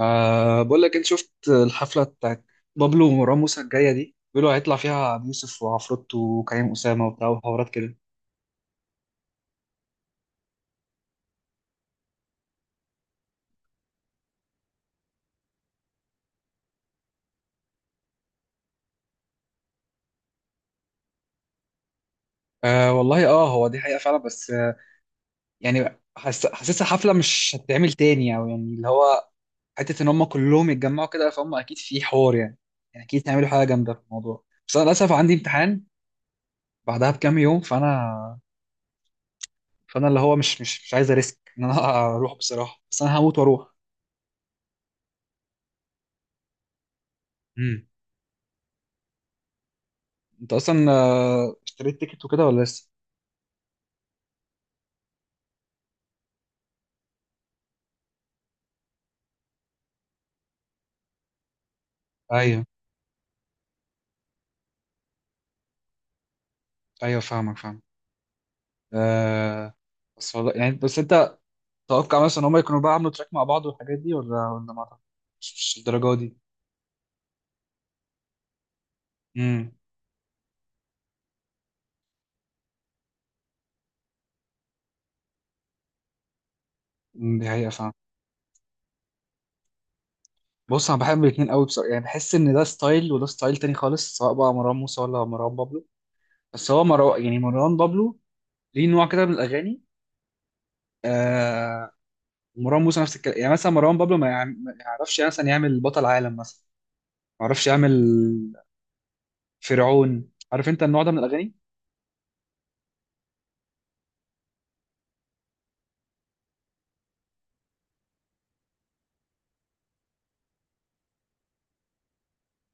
أه، بقول لك، انت شفت الحفله بتاعت بابلو ومروان موسى الجايه دي؟ بيقولوا هيطلع فيها ابو يوسف وعفروت وكريم اسامه وبتاع وحوارات كده. أه والله. اه، هو دي حقيقه فعلا، بس يعني حاسسها حفله مش هتتعمل تاني، او يعني اللي هو حته ان هم كلهم يتجمعوا كده، فهم اكيد في حوار يعني. يعني اكيد هيعملوا حاجه جامده في الموضوع، بس انا للاسف عندي امتحان بعدها بكام يوم، فانا اللي هو مش عايز اريسك ان انا اروح بصراحه، بس انا هموت واروح. امم، انت اصلا اشتريت تيكت وكده ولا لسه؟ ايوه، ايوه فاهمك، فاهم. آه، بس والله يعني، بس انت تتوقع مثلا ان هم يكونوا بقى عملوا تراك مع بعض والحاجات دي، ولا ما أعتقد- مش الدرجه دي. امم، دي حقيقه فاهم. بص، انا بحب الاثنين قوي بصراحه، يعني بحس ان ده ستايل وده ستايل تاني خالص، سواء بقى مروان موسى ولا مروان بابلو. بس هو مروان، يعني مروان بابلو، ليه نوع كده من الاغاني. آه، مروان موسى نفس الكلام، يعني مثلا مروان بابلو ما يعرفش مثلا يعمل بطل عالم مثلا، ما يعرفش يعمل فرعون، عارف انت النوع ده من الاغاني.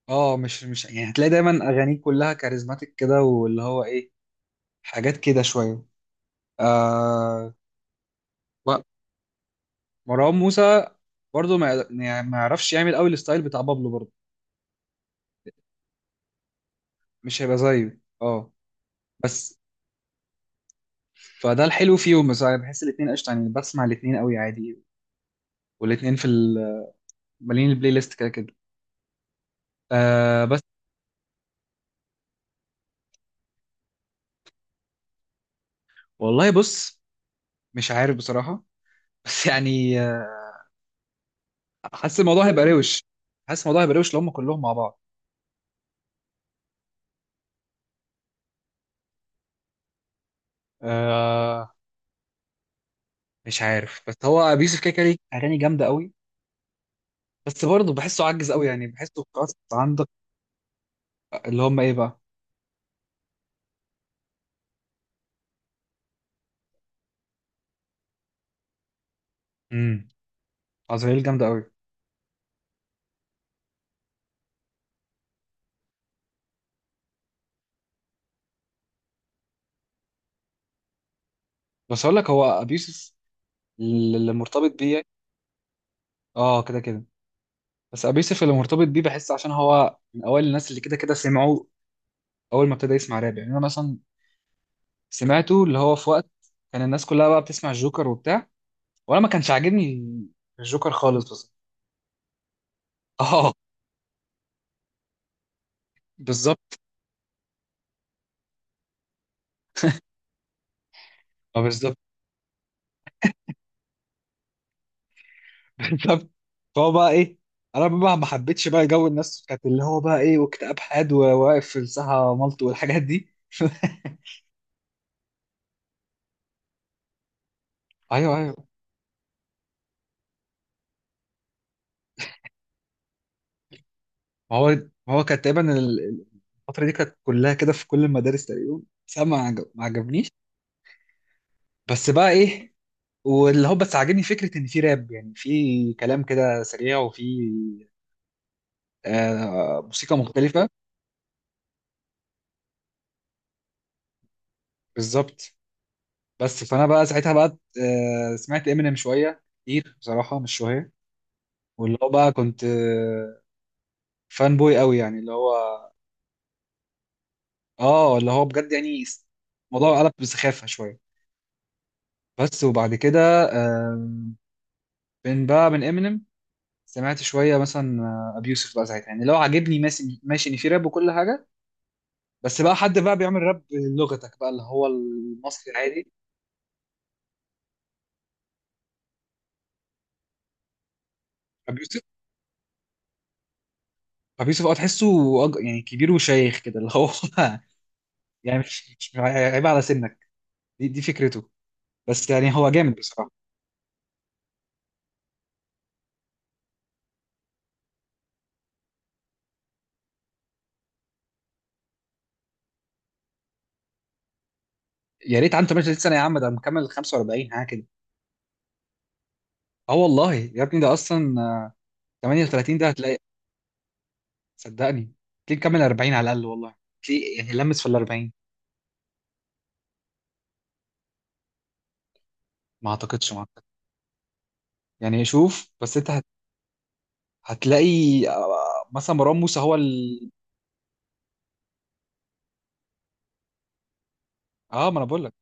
اه مش مش يعني هتلاقي دايما اغانيه كلها كاريزماتيك كده، واللي هو ايه، حاجات كده شويه. آه، و- مروان موسى برضه ما يعني ما يعرفش يعمل قوي الستايل بتاع بابلو برضه، مش هيبقى زيه، اه. بس، فده الحلو فيهم، بس انا بحس الاثنين قشطه يعني، بسمع الاثنين قوي عادي. والاثنين في مالين البلاي ليست كده كده. آه، بس والله، بص، مش عارف بصراحه. بس يعني حاسس الموضوع هيبقى روش، حاسس الموضوع هيبقى روش لو هم كلهم مع بعض. آه، مش عارف، بس هو ابي يوسف كده كده ليه اغاني جامده قوي، بس برضه بحسه عجز قوي، يعني بحسه خلاص عندك. اللي هم ايه بقى؟ امم، عزرائيل جامده قوي. بس اقول لك، هو ابي يوسف اللي مرتبط بيه. اه كده كده. بس ابي يوسف اللي مرتبط بيه بحس عشان هو من اوائل الناس اللي كده كده سمعوا اول ما ابتدى يسمع راب. يعني انا مثلا سمعته اللي هو في وقت كان الناس كلها بقى بتسمع الجوكر وبتاع، وانا ما كانش عاجبني الجوكر خالص. بس اه بالظبط، اه بالظبط، بالظبط. فهو بقى ايه، انا بقى ما حبيتش بقى جو الناس بتاعت اللي هو بقى ايه، واكتئاب حاد وواقف في الساحه مالطو والحاجات دي. ايوه، ايوه. ما هو ما هو كانت تقريبا الفتره دي كانت كلها كده في كل المدارس تقريبا. بس أنا ما عجبنيش. بس بقى ايه، واللي هو بس عاجبني فكره ان في راب، يعني في كلام كده سريع، وفي آه موسيقى مختلفه. بالظبط. بس فانا بقى ساعتها بقى آه سمعت امينيم شويه كتير بصراحه، مش شويه. واللي هو بقى كنت فان بوي قوي، يعني اللي هو، اه اللي هو بجد يعني الموضوع قلب بسخافة شوية. بس وبعد كده آم، من بقى من امينيم سمعت شوية مثلا ابيوسف بقى ساعتها. يعني لو عاجبني ماشي ماشي ان في راب وكل حاجة، بس بقى حد بقى بيعمل راب لغتك بقى، اللي هو المصري العادي. ابيوسف، ابيوسف اه تحسه يعني كبير وشيخ كده اللي هو يعني مش مش عيب على سنك. دي فكرته. بس يعني هو جامد بصراحة. يا ريت عنده 38 سنه يا عم، ده مكمل 45 حاجه كده. اه والله يا ابني، ده اصلا 38 ده هتلاقي، صدقني، تلاقيه مكمل 40 على الاقل والله. تلاقيه يعني لمس في ال 40. ما اعتقدش، ما اعتقد. يعني شوف، بس انت هتلاقي مثلا مروان موسى هو اه ما انا بقول لك.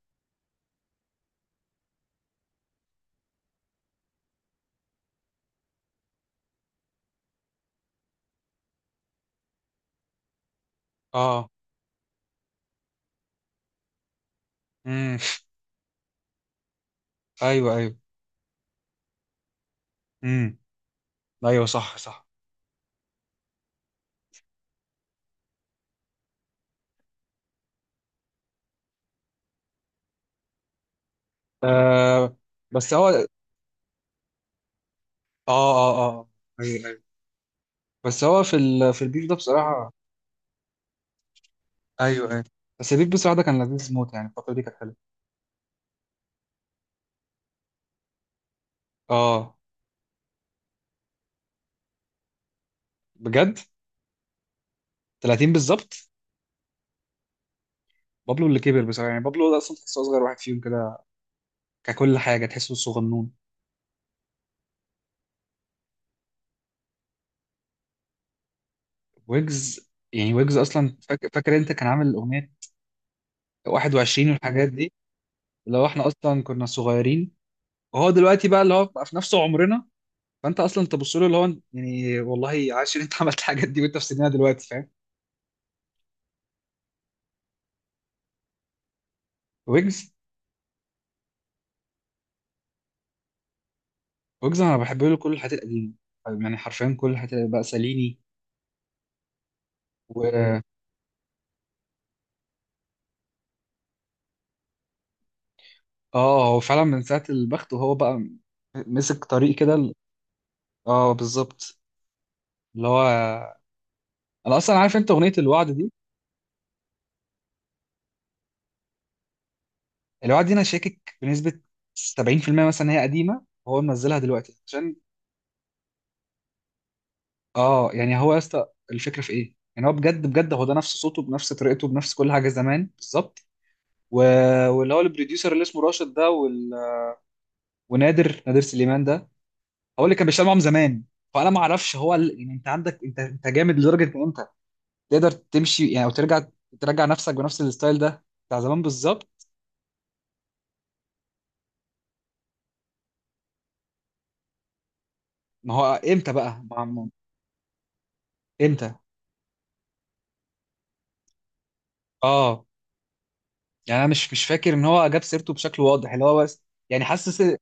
اه، امم، ايوه ايوه، امم، ايوه صح صح. آه بس هو، اه اه اه، ايوه ايوه، بس هو في في البيف ده بصراحه، ايوه ايوه. بس البيف بصراحه ده كان لذيذ موت، يعني الفتره دي كانت حلوه. اه بجد. 30 بالظبط. بابلو اللي كبر بصراحه، يعني بابلو ده اصلا تحسه اصغر واحد فيهم كده، ككل حاجه تحسه صغنون. ويجز، يعني ويجز اصلا فاكر انت كان عامل الاغنيه 21 والحاجات دي، اللي هو احنا اصلا كنا صغيرين وهو دلوقتي بقى اللي هو بقى في نفس عمرنا. فانت اصلا تبص له اللي هو يعني والله عاش ان انت عملت الحاجات دي وانت في سننا دلوقتي، فاهم. ويجز، ويجز انا بحب له كل الحاجات القديمه، يعني حرفيا كل الحاجات بقى ساليني. و... اه هو فعلا من ساعه البخت وهو بقى مسك طريق كده. اه بالظبط. اللي هو، انا اصلا عارف انت اغنيه الوعد دي. الوعد دي انا شاكك بنسبه 70% مثلا هي قديمه، هو منزلها دلوقتي عشان، اه، يعني هو يا اسطى، الفكره في ايه؟ يعني هو بجد بجد هو ده نفس صوته، بنفس طريقته، بنفس كل حاجه زمان بالظبط. و... واللي هو البروديوسر اللي اسمه راشد ده ونادر سليمان ده، هو اللي كان بيشتغل معاهم زمان. فانا ما اعرفش هو يعني انت عندك، انت جامد لدرجه ان انت تقدر تمشي يعني او ترجع، ترجع نفسك بنفس الستايل ده بتاع زمان بالظبط. ما هو امتى بقى ما امتى؟ اه، يعني انا مش فاكر ان هو جاب سيرته بشكل واضح اللي هو، بس يعني حاسس.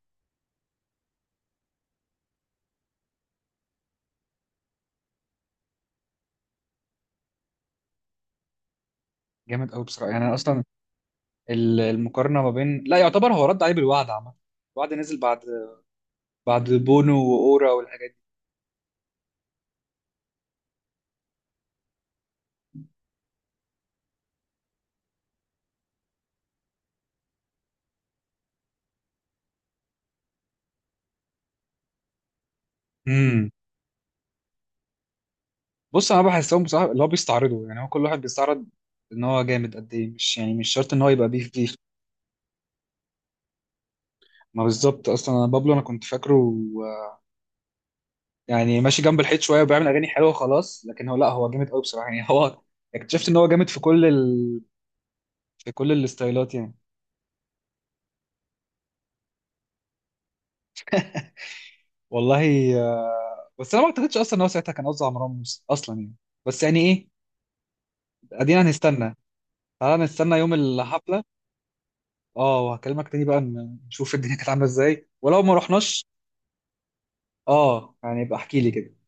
جامد قوي بصراحه، يعني انا اصلا المقارنه ما بين. لا، يعتبر هو رد عليه بالوعد عامه. الوعد نزل بعد، بعد بونو واورا والحاجات دي. امم، بص انا بحسهم بصراحه اللي هو بيستعرضوا، يعني هو كل واحد بيستعرض ان هو جامد قد ايه. مش يعني مش شرط ان هو يبقى بيف بيف. ما بالظبط، اصلا انا بابلو انا كنت فاكره آه، يعني ماشي جنب الحيط شويه وبيعمل اغاني حلوه خلاص، لكن هو لا، هو جامد قوي بصراحه، يعني هو اكتشفت ان هو جامد في كل في كل الستايلات يعني. والله بس انا ما اعتقدش اصلا ان هو ساعتها كان قصده على مروان موسى اصلا يعني. بس يعني ايه، ادينا هنستنى، تعالى نستنى يوم الحفله. اه وهكلمك تاني بقى، نشوف الدنيا كانت عامله ازاي ولو ما رحناش. اه يعني يبقى احكي لي كده.